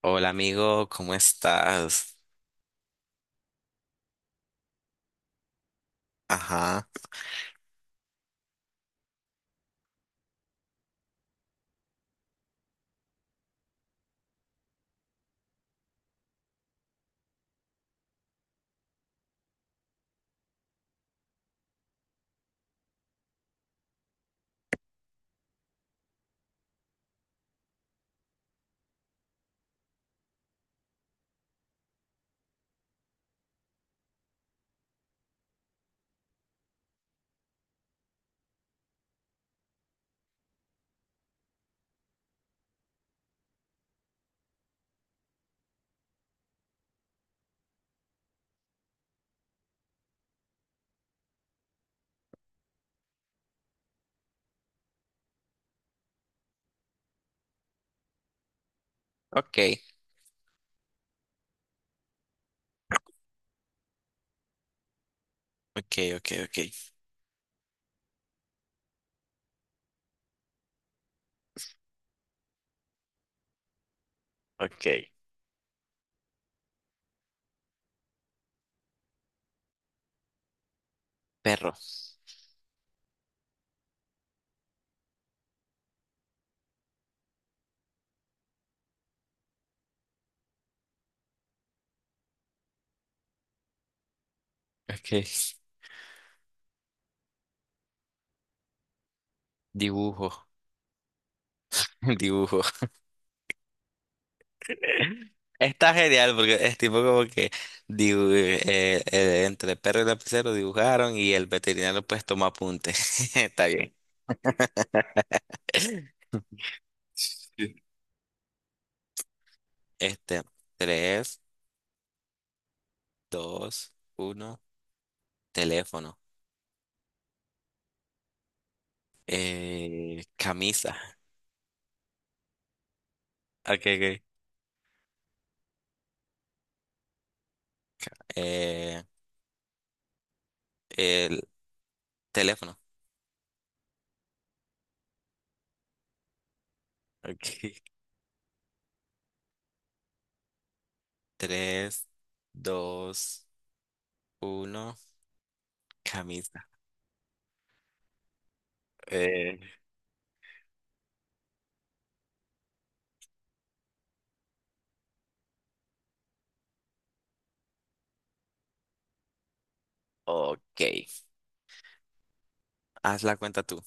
Hola amigo, ¿cómo estás? Ajá. Ok, ok, ok, ok, ok. Perro. Ok. Dibujo, dibujo. Está genial porque es tipo como que entre el perro y el lapicero dibujaron y el veterinario pues tomó apunte. Está bien. Sí. Este, tres, dos, uno, teléfono. Camisa. Ok, ok. Eh, el teléfono. Ok. Tres, dos, uno. Camisa. Eh, ok. Haz la cuenta tú.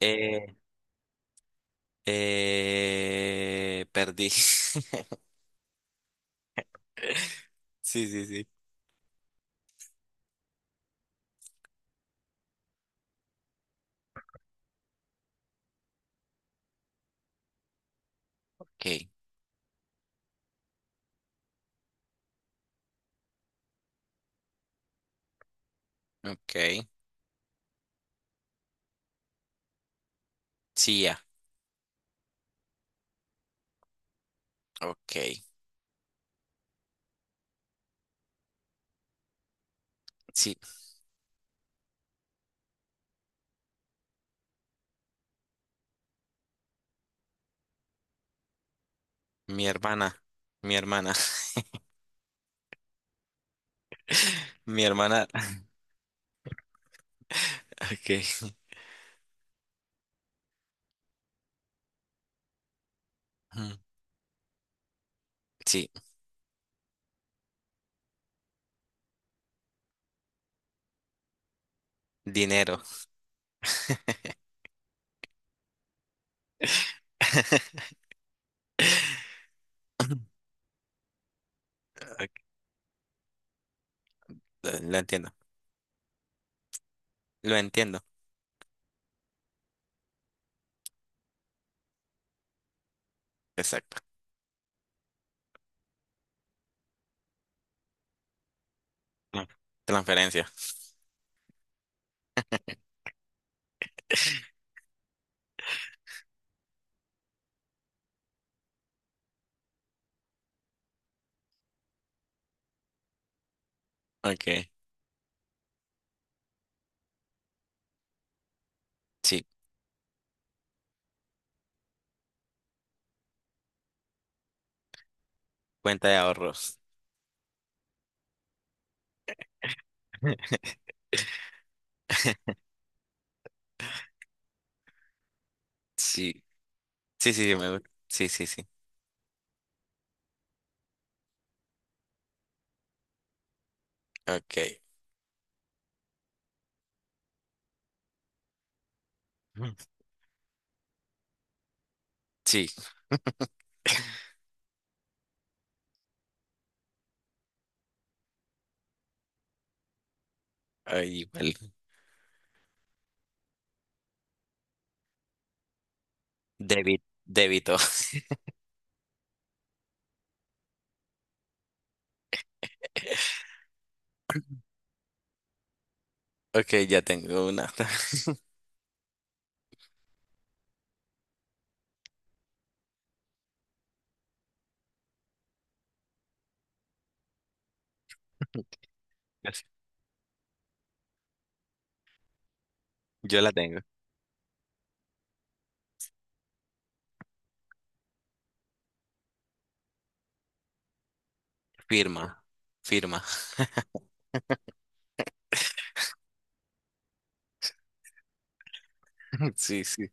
Eh, perdí. Sí, sí, sí. Ok. Ok. Sí, ya. Ok. Sí. Mi hermana. Mi hermana. Mi hermana. Ok. Ujú. Sí. Dinero. Ok, lo entiendo. Lo entiendo. Exacto. Ah, transferencia. Ok. Sí. Cuenta de ahorros. Sí. Sí, sí, sí, me gusta. Sí, sí, sí. Ok. Mm, sí, ahí igual. Débito. Débito. Ok, ya tengo una. Yo la tengo. Firma. Firma. Sí, sí.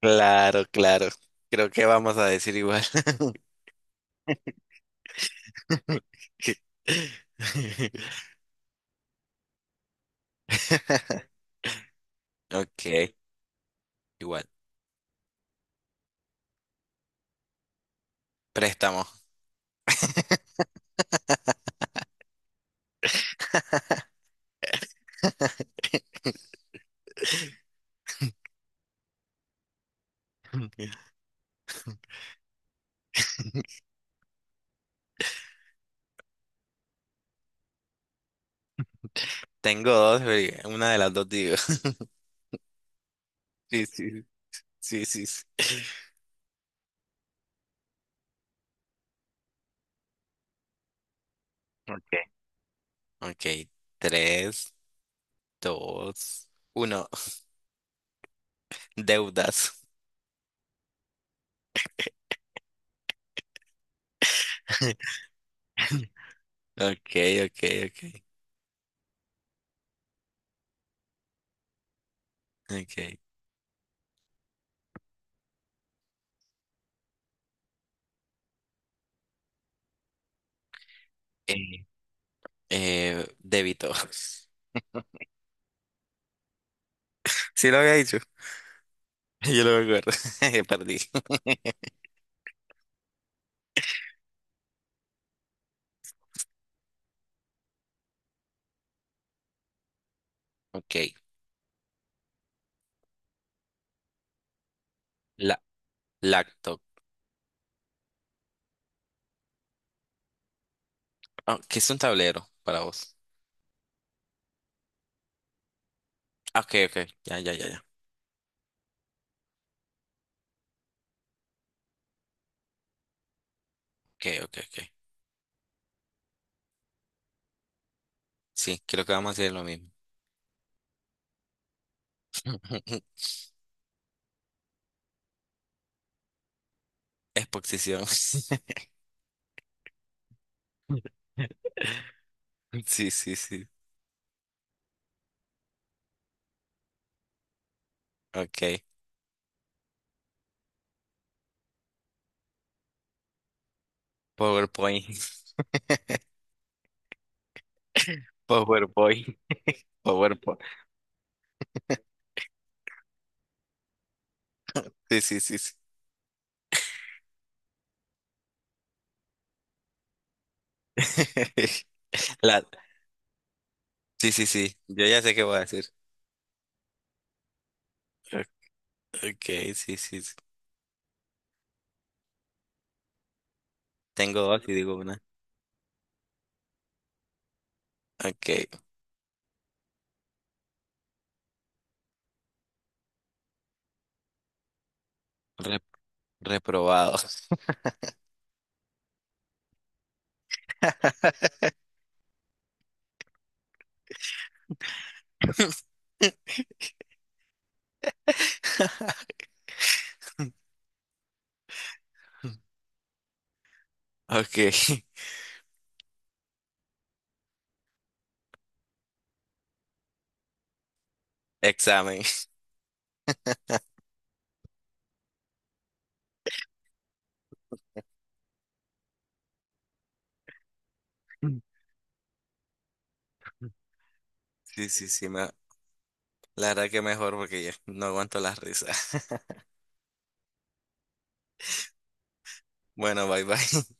Claro, claro. Creo que vamos a decir igual. Ok, igual. Préstamo. Tengo dos, pero una de las dos digo. Sí, sí, sí, sí, sí. Ok. Ok, tres, dos, uno. Deudas. Ok, ok, ok, ok. Eh, débito. Sí lo había dicho. Yo lo recuerdo. Perdí. Ok. La, lacto. Ah, ¿qué es un tablero para vos? Ah, ok, ok. Ya, ya, ya, ya. Ok, ok, ok. Sí, creo que vamos a hacer lo mismo. Exposición. Sí, sí, sí. Ok. PowerPoint. PowerPoint. PowerPoint. Sí, sí, sí, sí. La... Sí, sí, sí. Yo ya sé qué voy a decir. O- Ok, sí, sí, sí. Tengo dos y digo una. Ok. Re- reprobado. Ok. Examen. Mm. Sí, sí, sí. me- La verdad que mejor porque ya no aguanto las risas. Bueno, bye, bye.